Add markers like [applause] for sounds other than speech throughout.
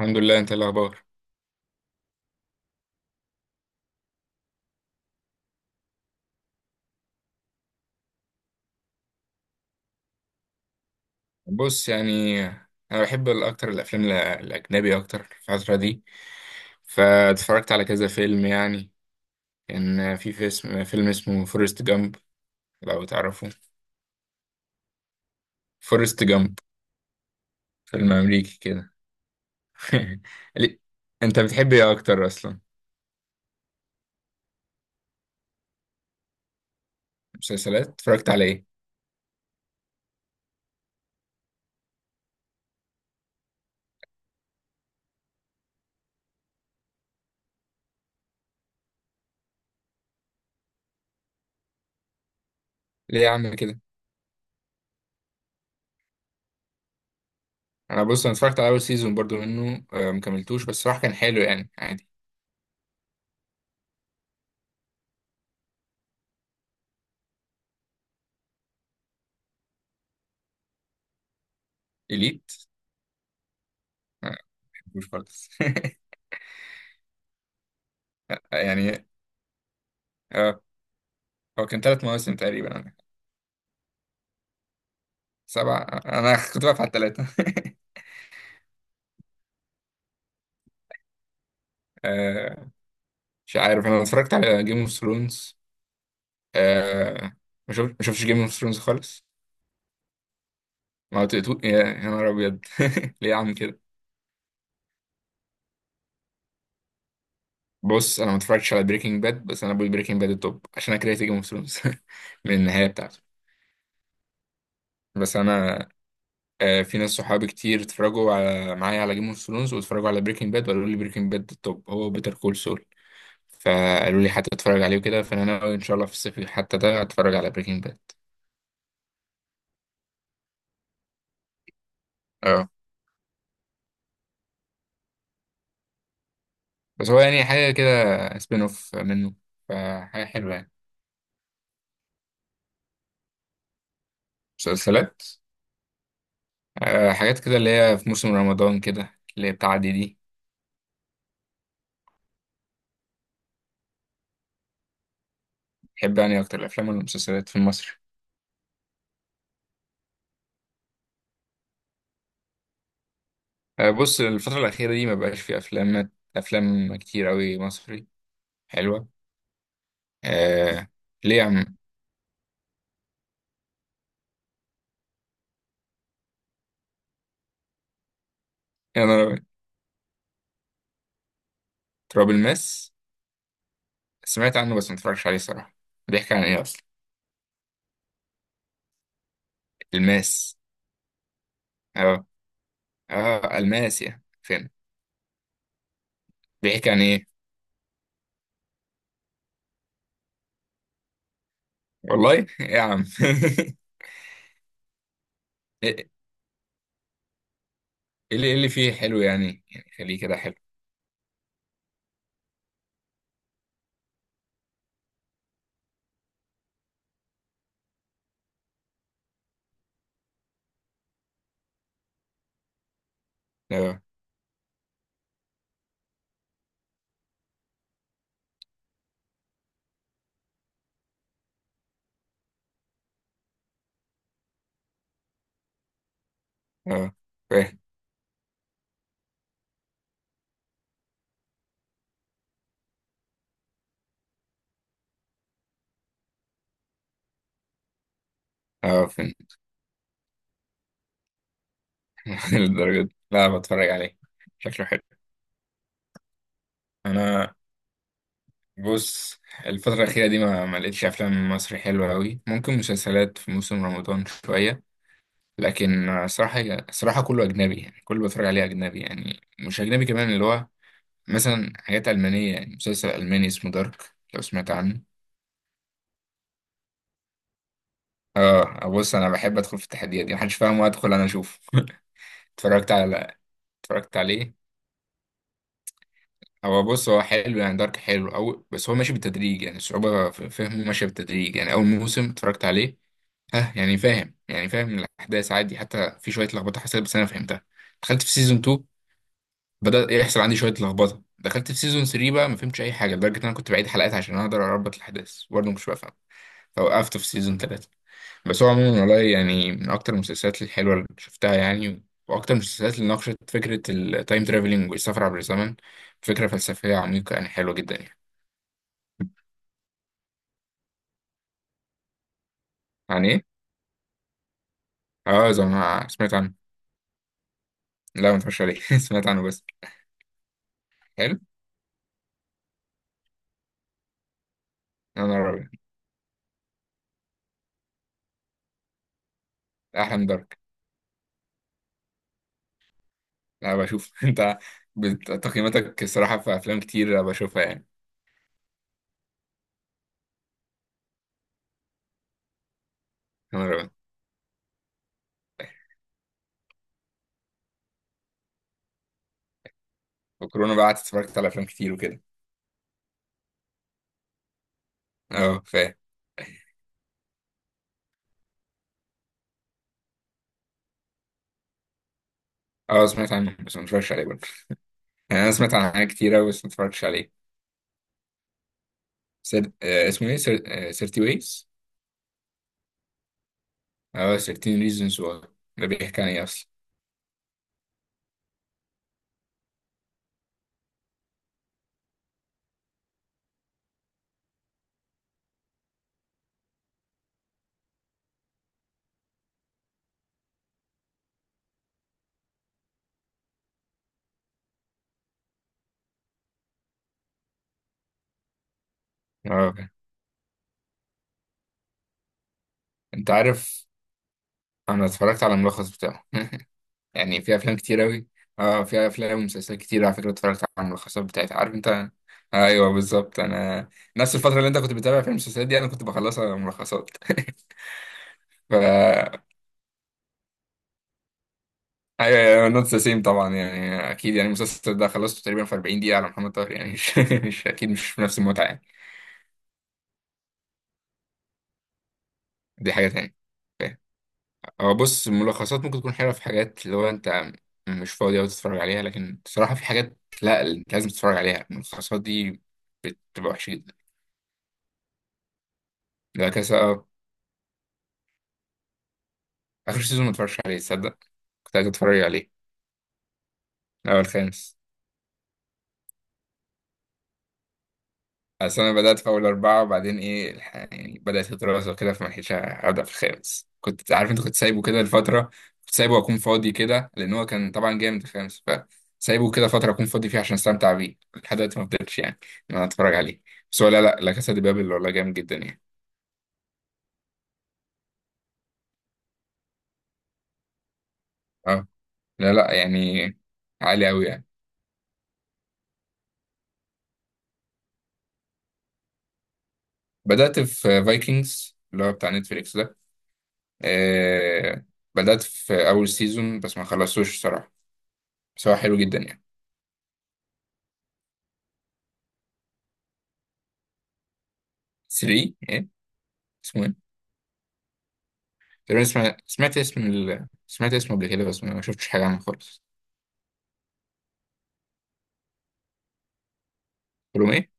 الحمد لله. انت ايه الاخبار؟ بص، يعني انا بحب اكتر الافلام الاجنبي اكتر في الفتره دي. فاتفرجت على كذا فيلم، يعني كان في فيلم اسمه فورست جامب، لو تعرفه. فورست جامب، فيلم امريكي كده. [laughs] ليه؟ انت بتحب ايه اكتر اصلا؟ مسلسلات اتفرجت على ايه؟ ليه يا عم كده؟ انا، بص، انا اتفرجت على اول سيزون برضو منه، مكملتوش. بس صراحه كان حلو، يعني عادي. اليت؟ آه، مش خالص. [laughs] يعني، اه. هو كان ثلاث مواسم تقريبا. سبعة؟ أنا كنت بقف على التلاتة. [laughs] آه، مش عارف. أنا اتفرجت على جيم اوف ثرونز. آه، ما شفتش جيم اوف ثرونز خالص. ما هو يا نهار أبيض! [laughs] ليه يا عم كده؟ بص، أنا ما اتفرجتش على بريكنج باد، بس أنا بقول بريكنج باد التوب عشان أنا كرهت جيم اوف ثرونز. [laughs] من النهاية بتاعته. بس أنا، في ناس صحابي كتير اتفرجوا على معايا على جيم اوف ثرونز واتفرجوا على بريكنج باد وقالوا لي بريكنج باد التوب، هو بيتر كول سول. فقالوا لي حتى اتفرج عليه وكده، فأنا ناوي إن شاء الله في الصيف حتى ده أتفرج على بريكنج باد. بس هو يعني حاجة كده، سبين اوف منه، فحاجة حلوة يعني. مسلسلات؟ حاجات كده اللي هي في موسم رمضان كده اللي هي بتعدي دي. بحب يعني أكتر الأفلام ولا المسلسلات في المصري؟ بص، الفترة الأخيرة دي مبقاش في أفلام كتير أوي مصري حلوة. آه. ليه يا عم؟ أنا... تراب الماس. سمعت عنه بس متفرجش عليه صراحة. بيحكي عن إيه أصلا؟ الماس؟ أه. أه، الماس يعني فين؟ بيحكي عن إيه؟ والله! [laughs] إيه يا عم؟ [laughs] إيه؟ ايه اللي فيه حلو يعني؟ خليه كده حلو. اه اه فاهم. اه، فاهم. [laughs] للدرجة دي؟ لا، بتفرج عليه. شكله حلو. انا، بص، الفترة الأخيرة دي ما لقيتش أفلام مصري حلوة أوي. ممكن مسلسلات في موسم رمضان شوية. لكن صراحة، صراحة كله أجنبي، يعني كله بتفرج عليه أجنبي، يعني مش أجنبي كمان اللي هو مثلا حاجات ألمانية، يعني مسلسل ألماني اسمه دارك، لو سمعت عنه. اه، بص، أنا بحب أدخل في التحديات دي محدش فاهم وأدخل أنا أشوفه. [laughs] اتفرجت على اتفرجت عليه. هو، بص، هو حلو يعني. دارك حلو أوي، بس هو ماشي بالتدريج، يعني الصعوبة في فهمه ماشية بالتدريج. يعني أول موسم اتفرجت عليه، ها، يعني فاهم، يعني فاهم الأحداث عادي. حتى في شوية لخبطة حصلت بس أنا فهمتها. دخلت في سيزون 2، بدأ يحصل عندي شوية لخبطة. دخلت في سيزون 3، بقى ما فهمتش أي حاجة، لدرجة إن أنا كنت بعيد حلقات عشان أقدر أربط الأحداث، برضه مش بفهم. فوقفت في سيزون 3. بس هو عموما والله، يعني من أكتر المسلسلات الحلوة اللي شفتها، يعني، وأكتر المسلسلات اللي ناقشت فكرة التايم ترافلينج والسفر عبر الزمن. فكرة فلسفية عميقة، يعني حلوة جدا يعني. عن ايه؟ اه، زي ما سمعت عنه. لا، ما اتفرجش عليه. [laughs] سمعت عنه بس. حلو. انا راجل. احلم دارك. لا، بشوف. [laughs] انت تقييماتك الصراحه في افلام كتير بشوفها يعني. انا راجل. وكورونا بقى قعدت اتفرجت على افلام كتير وكده. اه، فاهم. اه، سمعت عنه بس ما اتفرجش عليه برضه. [laughs] يعني انا سمعت عن حاجات كتير أوي بس ما اتفرجتش عليه. اسمه ايه؟ آه، 30 ways. اه، 13 reasons why. ده بيحكي عن ايه اصلا؟ اه، أوكي. انت عارف؟ انا اتفرجت على الملخص بتاعه. [laughs] يعني في افلام كتير اوي. اه، في افلام ومسلسلات كتير على فكره اتفرجت على الملخصات بتاعتها، عارف انت. ايوه بالظبط. انا نفس الفتره اللي انت كنت بتتابع فيها المسلسلات دي انا كنت بخلصها ملخصات. [laughs] ف ايوه، نوت ذا سيم طبعا، يعني اكيد، يعني المسلسل ده خلصته تقريبا في 40 دقيقه على محمد طاهر يعني. [laughs] مش اكيد مش نفس المتعه يعني. دي حاجه تانية. هو، بص، الملخصات ممكن تكون حلوه في حاجات اللي هو انت مش فاضي أوي تتفرج عليها، لكن بصراحه في حاجات لا، انت لازم تتفرج عليها. الملخصات دي بتبقى وحشه جدا. لا، كذا. آخر سيزون ما اتفرجش عليه، تصدق. كنت عايز اتفرج عليه. الأول خامس. أصل أنا بدأت في أول أربعة وبعدين إيه يعني بدأت الدراسة وكده، فما لحقتش أبدأ في الخامس. كنت عارف أنت كنت سايبه كده لفترة. كنت سايبه أكون فاضي كده، لأن هو كان طبعا جامد الخامس. فسايبه كده فترة أكون فاضي فيها عشان أستمتع بيه، لحد دلوقتي ما فضلتش يعني إن أنا أتفرج عليه. بس هو، لا لا لا، كاسا دي بابل والله جامد جدا يعني. أه، لا لا يعني. عالي أوي يعني. بدأت في فايكنجز اللي هو بتاع نتفليكس ده. آه. بدأت في أول سيزون بس ما خلصتوش الصراحة. بس هو حلو جدا يعني. 3 إيه؟ اسمه إيه؟ تقريبا سمعت اسمه قبل كده، بس ما شفتش حاجة عنه خالص. قلت لهم إيه؟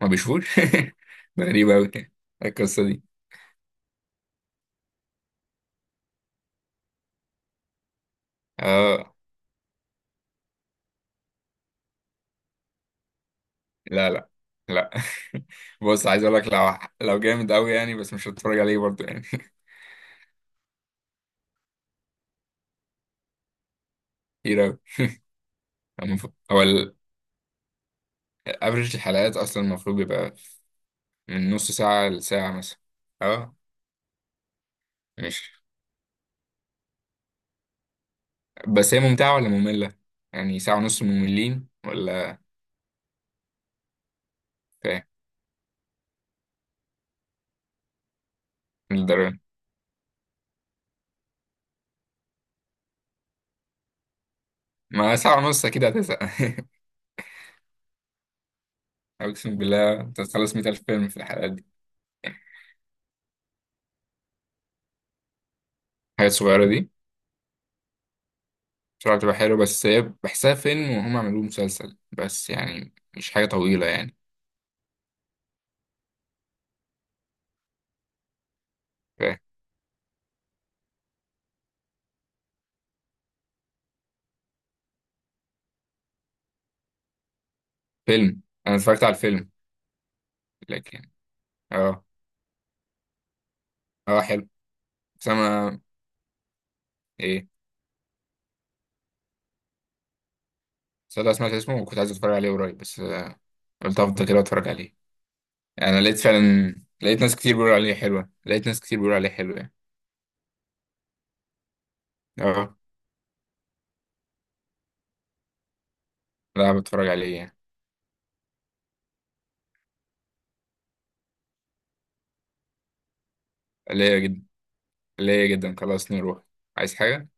ما بيشوفوش؟ [laughs] ده غريب أوي يعني. القصة دي. آه. لا لا لا. [laughs] بص، عايز أقول لك، لو جامد أوي يعني بس مش هتفرج عليه برضه يعني. [laughs] كتير أوي. هو الأفرج الحلقات أصلا المفروض بيبقى من نص ساعة لساعة مثلا. آه. ماشي. بس هي ممتعة ولا مملة؟ يعني ساعة ونص مملين ولا؟ فاهم. من الدرجة؟ ما ساعة ونص أكيد هتزهق. [laughs] أقسم بالله أنت هتخلص 100,000 فيلم في الحلقات دي. الحاجات الصغيرة دي بصراحة بتبقى حلوة، بس هي بحسها فيلم وهم عملوه مسلسل بس، يعني مش حاجة طويلة يعني. فاهم. فيلم؟ أنا اتفرجت على الفيلم. لكن... أه. أه، حلو. بس أنا... إيه؟ صدق، سمعت اسمه وكنت عايز أتفرج عليه قريب بس قلت أفضل كده أتفرج عليه. يعني أنا لقيت فعلا، لقيت ناس كتير بيقولوا عليه حلوة، لقيت ناس كتير بيقولوا عليه حلو يعني. أه. لا، بتفرج عليه يعني. ليا جدا. ليا جدا، خلاص نروح. عايز حاجة.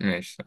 ماشي.